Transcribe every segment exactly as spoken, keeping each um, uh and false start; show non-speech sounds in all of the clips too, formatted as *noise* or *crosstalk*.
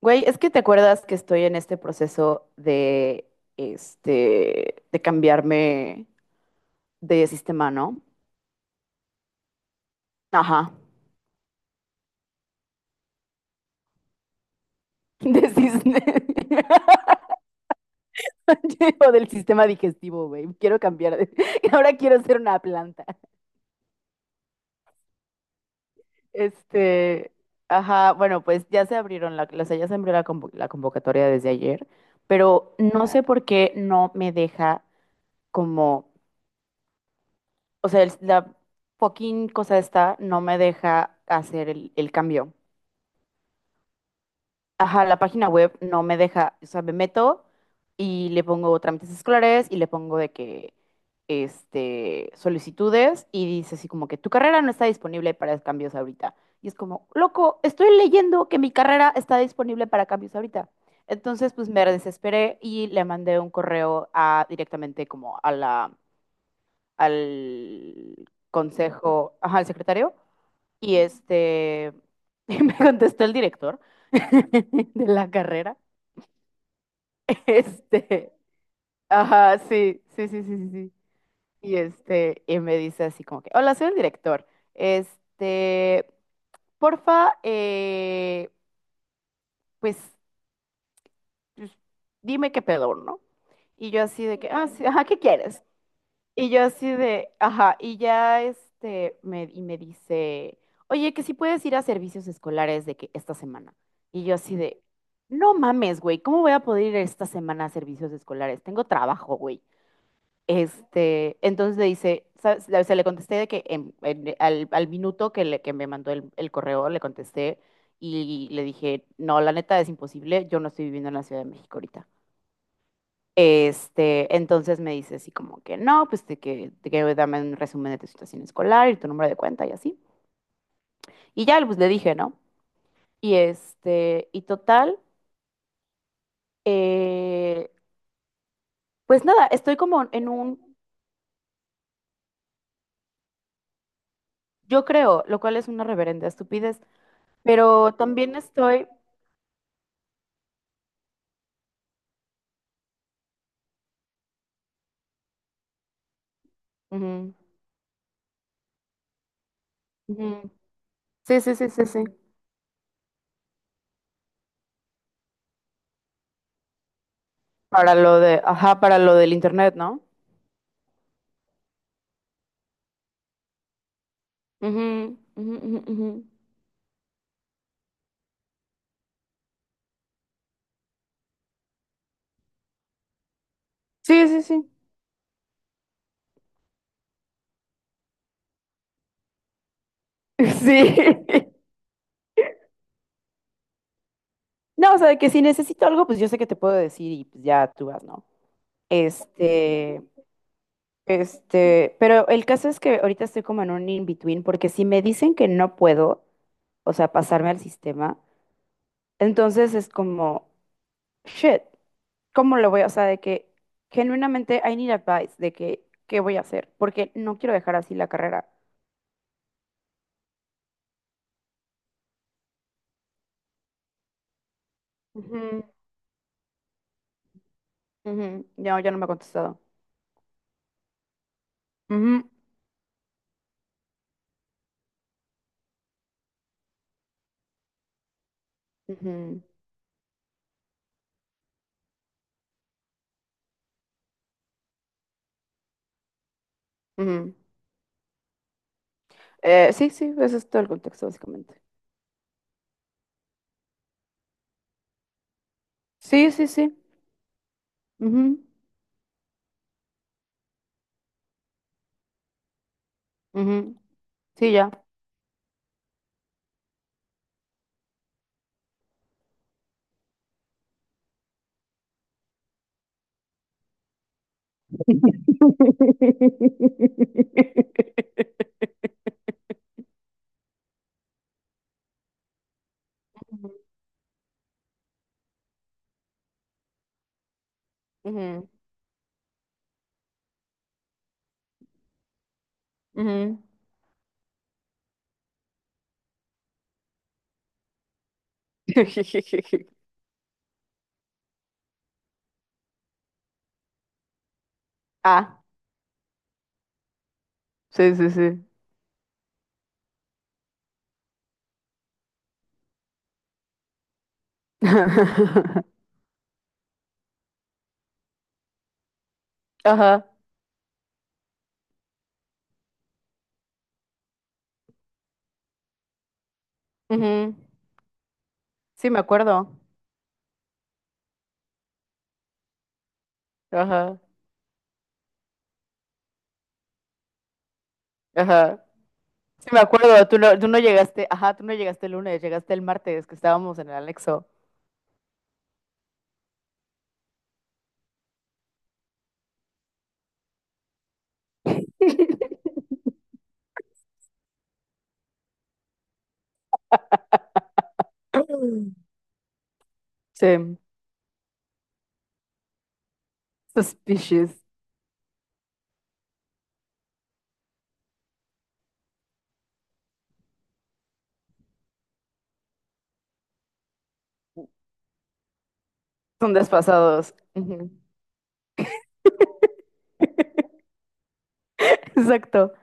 Güey, es que te acuerdas que estoy en este proceso de, este, de cambiarme de sistema, ¿no? Ajá. De sis- *laughs* o del sistema digestivo, güey. Quiero cambiar de... *laughs* Ahora quiero ser una planta. Este, ajá, bueno, pues ya se abrieron la, o sea, ya se abrió la, convo- la convocatoria desde ayer, pero no sé por qué no me deja como, o sea, el- la fucking cosa esta no me deja hacer el, el cambio. Ajá, la página web no me deja, o sea, me meto y le pongo trámites escolares y le pongo de que, este, solicitudes y dice así como que tu carrera no está disponible para cambios ahorita. Y es como, loco, estoy leyendo que mi carrera está disponible para cambios ahorita. Entonces, pues me desesperé y le mandé un correo a, directamente como a la, al consejo, ajá, al secretario y este, *laughs* y me contestó el director *laughs* de la carrera. *laughs* Este, ajá, sí, sí, sí, sí, sí. Sí. Y este, y me dice así como que, hola, soy el director. Este, porfa, eh, pues, pues, dime qué pedo, ¿no? Y yo así de que, ah, sí, ajá, ¿qué quieres? Y yo así de, ajá, y ya este, me, y me dice, oye, que si puedes ir a servicios escolares de que esta semana. Y yo así de, no mames, güey, ¿cómo voy a poder ir esta semana a servicios escolares? Tengo trabajo, güey. Este, entonces le dice, ¿sabes? Le- Se le contesté de que en- en- al, al minuto que, le, que me mandó el, el correo, le contesté y le dije, no, la neta es imposible, yo no estoy viviendo en la Ciudad de México ahorita. Este, entonces me dice así como que no, pues de que, de que dame un resumen de tu situación escolar y tu número de cuenta y así. Y ya, pues le dije, ¿no? Y este, y total, eh, pues nada, estoy como en un, yo creo, lo cual es una reverenda estupidez, pero también estoy, ujú, ujú. Sí, sí, sí, sí, sí. Para lo de, ajá, para lo del internet, ¿no? Ujú, ujú, ujú, ujú. Sí, sí, sí. *laughs* Sí. No, o sea, de que si necesito algo, pues yo sé que te puedo decir y pues ya tú vas, ¿no? Este, este, pero el caso es que ahorita estoy como en un in-between, porque si me dicen que no puedo, o sea, pasarme al sistema, entonces es como, shit, ¿cómo lo voy a, o sea, de que genuinamente I need advice de que, ¿qué voy a hacer? Porque no quiero dejar así la carrera. Ujú, ujú, no, ya no me ha contestado. Ujú, ujú, ujú. Eh, sí, sí, ese es todo el contexto, básicamente. Sí, sí, sí. Ujú, ujú. Sí, ya. *laughs* Ujú, ujú, ujú. *laughs* Ah, sí, sí, sí. *laughs* Ajá. Ujú. Sí, me acuerdo. Ajá. Ajá. Sí, me acuerdo. Tú no, tú no llegaste. Ajá, tú no llegaste el lunes, llegaste el martes, que estábamos en el anexo. *laughs* Sí. Suspicious. Son desfasados. Ujú. *laughs* Exacto.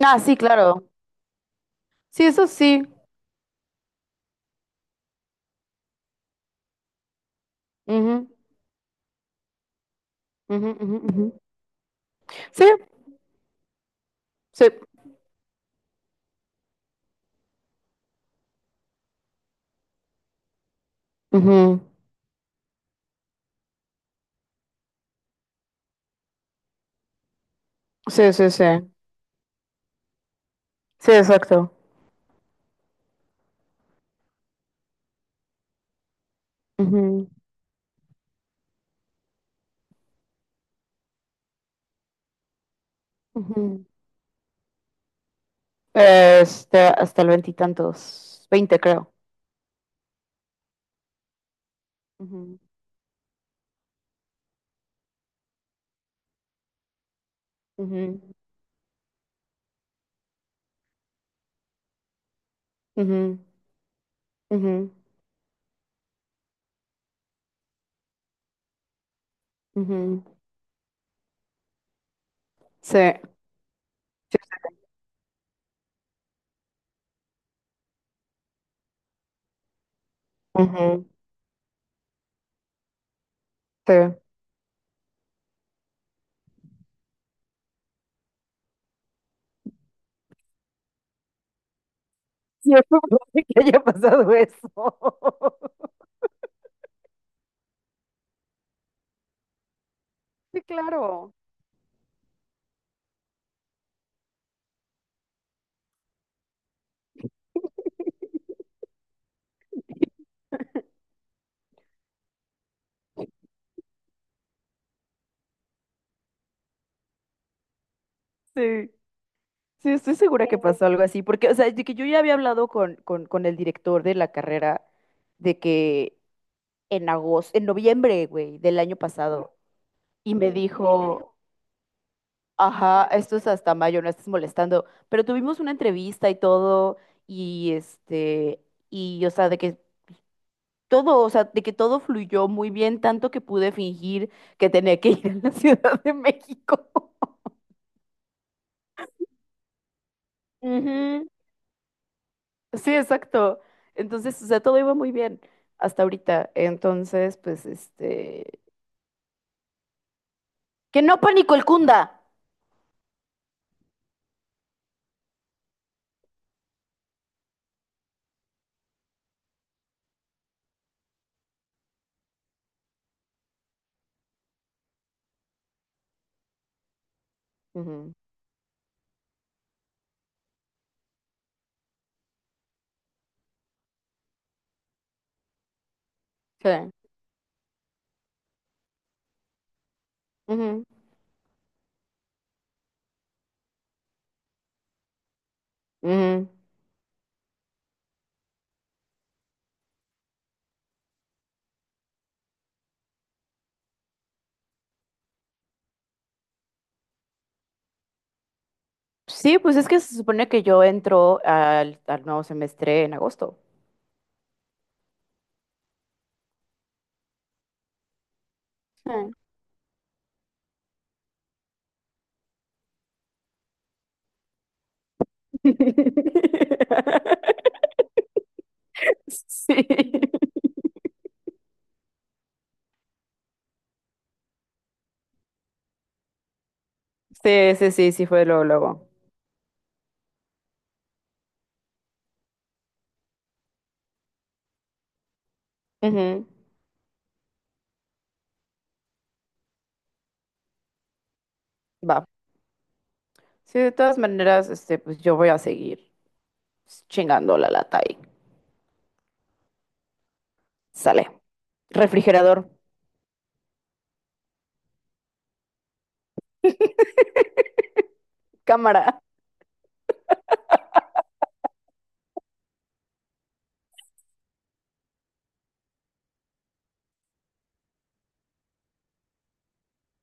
Ah, sí, claro. Sí, eso sí. Ujú, ujú, ujú, ujú. Sí, sí. Ujú. Sí, sí, sí. Sí, exacto. Ujú, ujú. Este, hasta el veintitantos. Veinte, creo. Ujú, ujú, ujú, ujú, ujú. Sí. Sí. Sí. Ujú, sí. Sí, es probable *laughs* que haya pasado eso. *laughs* Sí, claro. Sí, sí, estoy segura que pasó algo así, porque, o sea, de que yo ya había hablado con, con, con el director de la carrera de que en agosto, en noviembre, güey, del año pasado. Y me dijo, ajá, esto es hasta mayo, no estés molestando. Pero tuvimos una entrevista y todo, y este, y o sea, de que todo, o sea, de que todo fluyó muy bien, tanto que pude fingir que tenía que *laughs* ir a la *laughs* Ciudad de México. Ujú. Sí, exacto. Entonces, o sea, todo iba muy bien hasta ahorita. Entonces, pues, este, que no pánico el cunda. Ujú. Sí. Ujú. Ujú. Sí, pues es que se supone que yo entro al, al nuevo semestre en agosto. Ah. *laughs* Sí. Sí, sí, sí, sí fue luego, luego. Ujú, va. Sí, de todas maneras, este, pues yo voy a seguir chingando la lata y sale. Refrigerador, cámara.